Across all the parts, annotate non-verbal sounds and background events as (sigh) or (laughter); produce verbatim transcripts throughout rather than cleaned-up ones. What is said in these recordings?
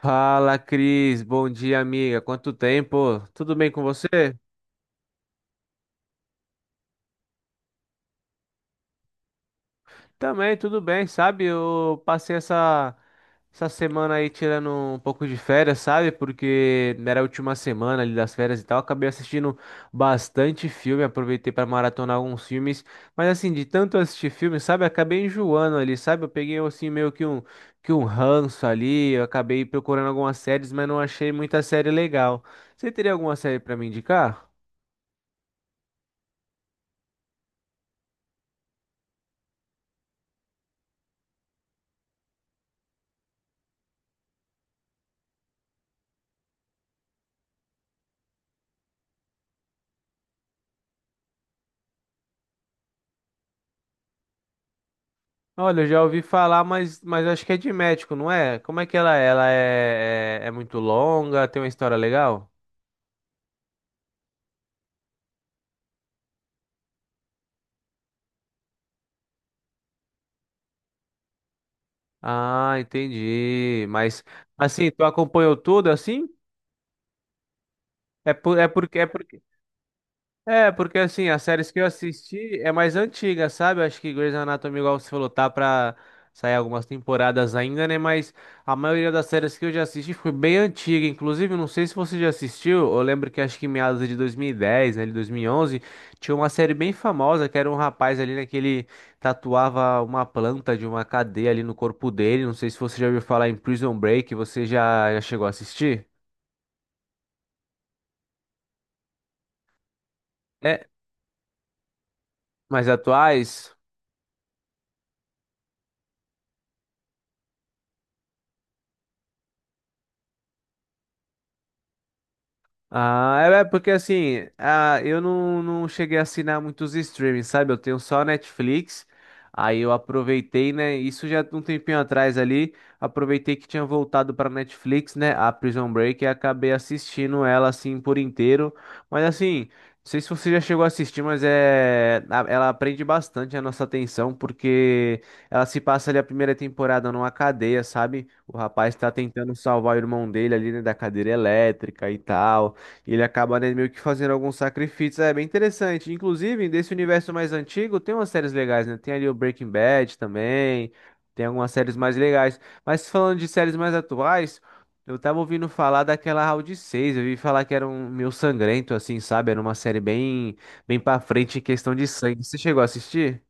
Fala, Cris. Bom dia, amiga. Quanto tempo? Tudo bem com você? Também, tudo bem, sabe? Eu passei essa, essa semana aí tirando um pouco de férias, sabe? Porque era a última semana ali das férias e tal. Acabei assistindo bastante filme, aproveitei para maratonar alguns filmes. Mas assim, de tanto assistir filme, sabe? Acabei enjoando ali, sabe? Eu peguei assim meio que um, que um ranço ali. Eu acabei procurando algumas séries, mas não achei muita série legal. Você teria alguma série para me indicar? Olha, eu já ouvi falar, mas, mas acho que é de médico, não é? Como é que ela é? Ela é, é, é muito longa, tem uma história legal? Ah, entendi. Mas assim, tu acompanhou tudo assim? É por, é porque é porque É, porque assim, as séries que eu assisti é mais antiga, sabe? Eu acho que Grey's Anatomy, igual você falou, tá pra sair algumas temporadas ainda, né? Mas a maioria das séries que eu já assisti foi bem antiga. Inclusive, não sei se você já assistiu, eu lembro que acho que em meados de dois mil e dez, né, de dois mil e onze, tinha uma série bem famosa que era um rapaz ali, né, que ele tatuava uma planta de uma cadeia ali no corpo dele. Não sei se você já ouviu falar em Prison Break, você já, já chegou a assistir? É, mais atuais? Ah, é é porque assim, ah, eu não, não cheguei a assinar muitos streamings, sabe? Eu tenho só a Netflix. Aí eu aproveitei, né? Isso já um tempinho atrás ali, aproveitei que tinha voltado para Netflix, né? A Prison Break e acabei assistindo ela assim por inteiro. Mas assim, não sei se você já chegou a assistir, mas é a- ela prende bastante a nossa atenção porque ela se passa ali a primeira temporada numa cadeia, sabe? O rapaz tá tentando salvar o irmão dele ali, né, da cadeira elétrica e tal. E ele acaba, né, meio que fazendo alguns sacrifícios. É bem interessante. Inclusive, desse universo mais antigo, tem umas séries legais, né? Tem ali o Breaking Bad também. Tem algumas séries mais legais. Mas falando de séries mais atuais, eu tava ouvindo falar daquela Round seis. Eu vi falar que era um meio sangrento, assim, sabe? Era uma série bem, bem pra frente em questão de sangue. Você chegou a assistir?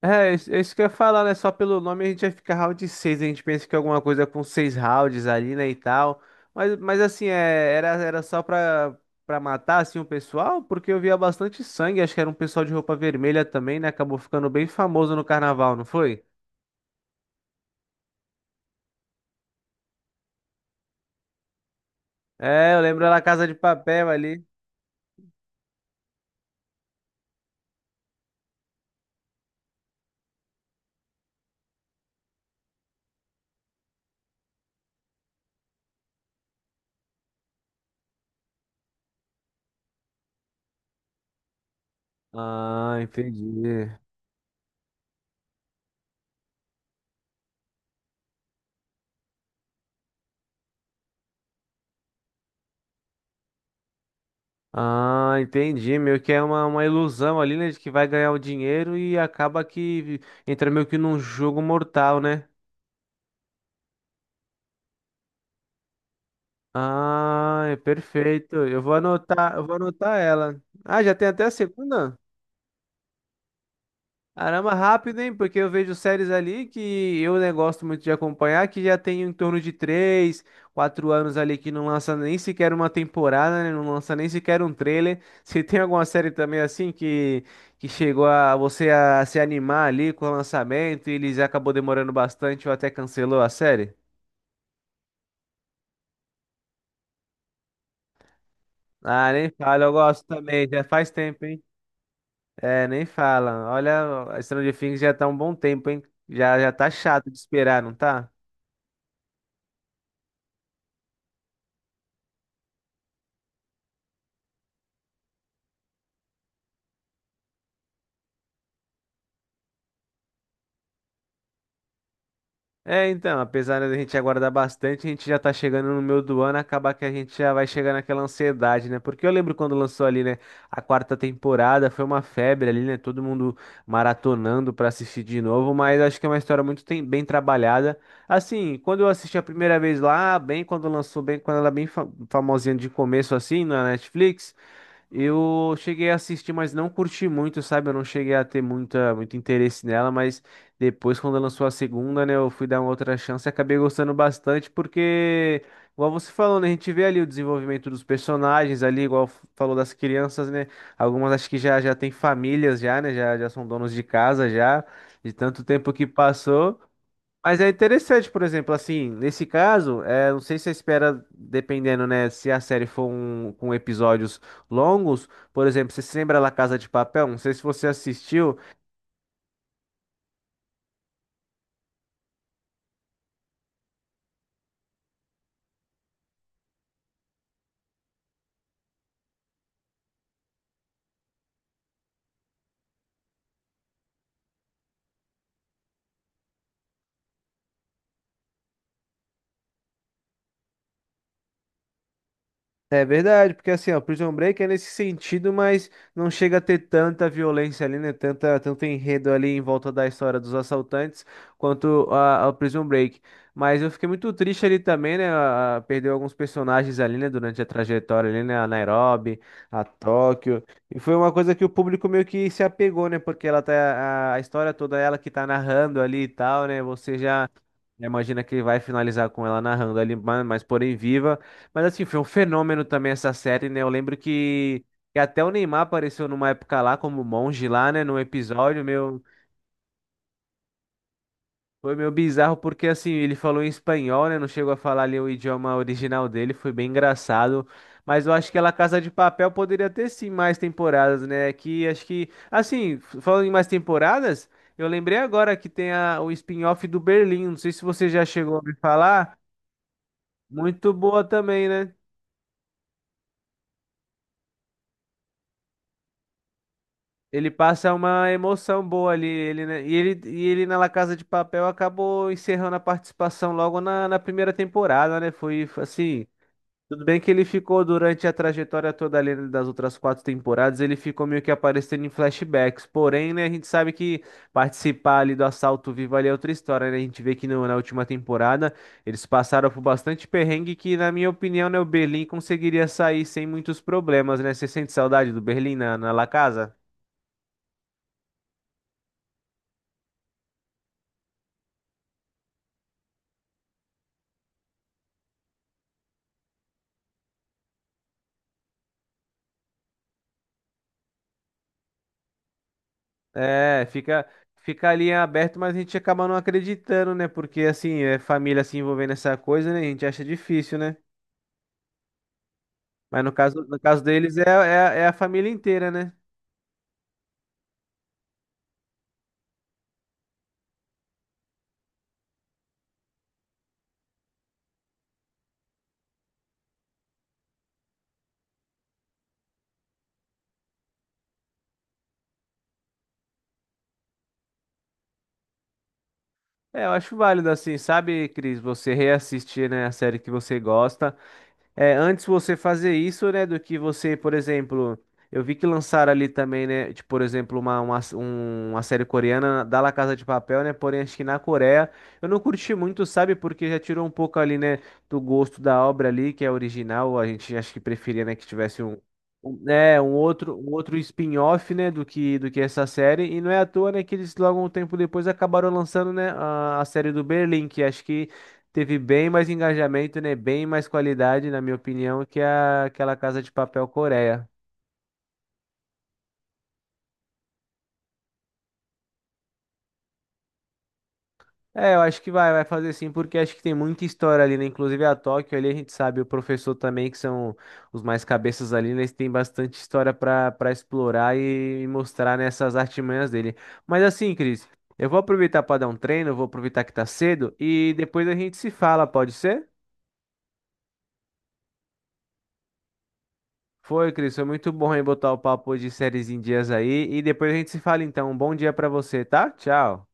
É, é isso é isso que eu ia falar, né? Só pelo nome a gente vai ficar round seis, a gente pensa que é alguma coisa com seis rounds ali, né, e tal. Mas, mas assim, é, era, era só pra, pra matar, assim, o pessoal, porque eu via bastante sangue, acho que era um pessoal de roupa vermelha também, né? Acabou ficando bem famoso no carnaval, não foi? É, eu lembro da Casa de Papel ali. Ah, entendi. Ah, entendi. Meio que é uma, uma ilusão ali, né, de que vai ganhar o dinheiro e acaba que entra meio que num jogo mortal, né? Ah, é perfeito. Eu vou anotar, eu vou anotar ela. Ah, já tem até a segunda? Caramba, rápido, hein? Porque eu vejo séries ali que eu né, gosto muito de acompanhar, que já tem em torno de três, quatro anos ali que não lança nem sequer uma temporada, né? Não lança nem sequer um trailer. (laughs) Se tem alguma série também assim que, que chegou a você a se animar ali com o lançamento e eles acabou demorando bastante ou até cancelou a série? Ah, nem fala, eu gosto também, já faz tempo, hein? É, nem fala. Olha, a Stranger Things já tá um bom tempo, hein? Já, já tá chato de esperar, não tá? É, então, apesar da gente aguardar bastante, a gente já tá chegando no meio do ano, acaba que a gente já vai chegar naquela ansiedade, né? Porque eu lembro quando lançou ali, né, a quarta temporada, foi uma febre ali, né? Todo mundo maratonando pra assistir de novo, mas acho que é uma história muito tem- bem trabalhada. Assim, quando eu assisti a primeira vez lá, bem quando lançou, bem quando ela é bem fa- famosinha de começo assim na Netflix. Eu cheguei a assistir, mas não curti muito, sabe? Eu não cheguei a ter muita, muito interesse nela, mas depois, quando lançou a segunda, né, eu fui dar uma outra chance e acabei gostando bastante, porque, igual você falou, né, a gente vê ali o desenvolvimento dos personagens ali, igual f- falou das crianças, né? Algumas acho que já, já têm famílias já, né? Já, já são donos de casa já, de tanto tempo que passou. Mas é interessante, por exemplo, assim, nesse caso, é, não sei se você espera, dependendo, né, se a série for um, com episódios longos, por exemplo, você se lembra La Casa de Papel? Não sei se você assistiu. É verdade, porque assim, ó, Prison Break é nesse sentido, mas não chega a ter tanta violência ali, né? Tanta, tanto enredo ali em volta da história dos assaltantes quanto a, ao Prison Break. Mas eu fiquei muito triste ali também, né? a- a- perdeu alguns personagens ali, né? Durante a trajetória ali, né? A Nairobi, a Tóquio. E foi uma coisa que o público meio que se apegou, né? Porque ela tá, a, a história toda é ela que tá narrando ali e tal, né? Você já. Imagina que vai finalizar com ela narrando ali, ma- mas porém viva. Mas assim, foi um fenômeno também essa série, né? Eu lembro que, que até o Neymar apareceu numa época lá, como monge lá, né? Num episódio meu. Foi meio bizarro, porque assim, ele falou em espanhol, né? Não chegou a falar ali o idioma original dele, foi bem engraçado. Mas eu acho que ela Casa de Papel poderia ter sim mais temporadas, né? Que acho que. Assim, falando em mais temporadas, eu lembrei agora que tem a, o spin-off do Berlim. Não sei se você já chegou a me falar. Muito boa também, né? Ele passa uma emoção boa ali. Ele, né, e ele, e ele na La Casa de Papel acabou encerrando a participação logo na, na primeira temporada, né? Foi foi assim. Tudo bem que ele ficou durante a trajetória toda ali das outras quatro temporadas, ele ficou meio que aparecendo em flashbacks. Porém, né, a gente sabe que participar ali do Assalto Vivo ali é outra história, né? A gente vê que no- na última temporada eles passaram por bastante perrengue que, na minha opinião, né, o Berlim conseguiria sair sem muitos problemas, né? Você sente saudade do Berlim na, na La Casa? É, fica, fica ali em aberto, mas a gente acaba não acreditando, né? Porque assim, é família se envolvendo nessa coisa, né? A gente acha difícil, né? Mas no caso, no caso deles é, é, é a família inteira, né? É, eu acho válido assim, sabe, Cris, você reassistir, né, a série que você gosta. É, antes você fazer isso, né, do que você, por exemplo, eu vi que lançaram ali também, né, tipo, por exemplo, uma, uma, um- uma série coreana da La Casa de Papel, né, porém acho que na Coreia eu não curti muito, sabe, porque já tirou um pouco ali, né, do gosto da obra ali, que é original, a gente acho que preferia, né, que tivesse um, um, é, um outro, um outro spin-off, né, do que, do que essa série, e não é à toa, né, que eles logo um tempo depois acabaram lançando, né, a, a série do Berlim, que acho que teve bem mais engajamento, né? Bem mais qualidade, na minha opinião, que a, aquela Casa de Papel Coreia. É, eu acho que vai, vai fazer sim, porque acho que tem muita história ali, né? Inclusive a Tóquio ali, a gente sabe, o professor também, que são os mais cabeças ali, né? Eles têm bastante história para para explorar e, e mostrar nessas artimanhas dele. Mas assim, Cris, eu vou aproveitar para dar um treino, vou aproveitar que tá cedo e depois a gente se fala, pode ser? Foi, Cris, foi muito bom em botar o papo de séries em dias aí. E depois a gente se fala então. Um bom dia pra você, tá? Tchau.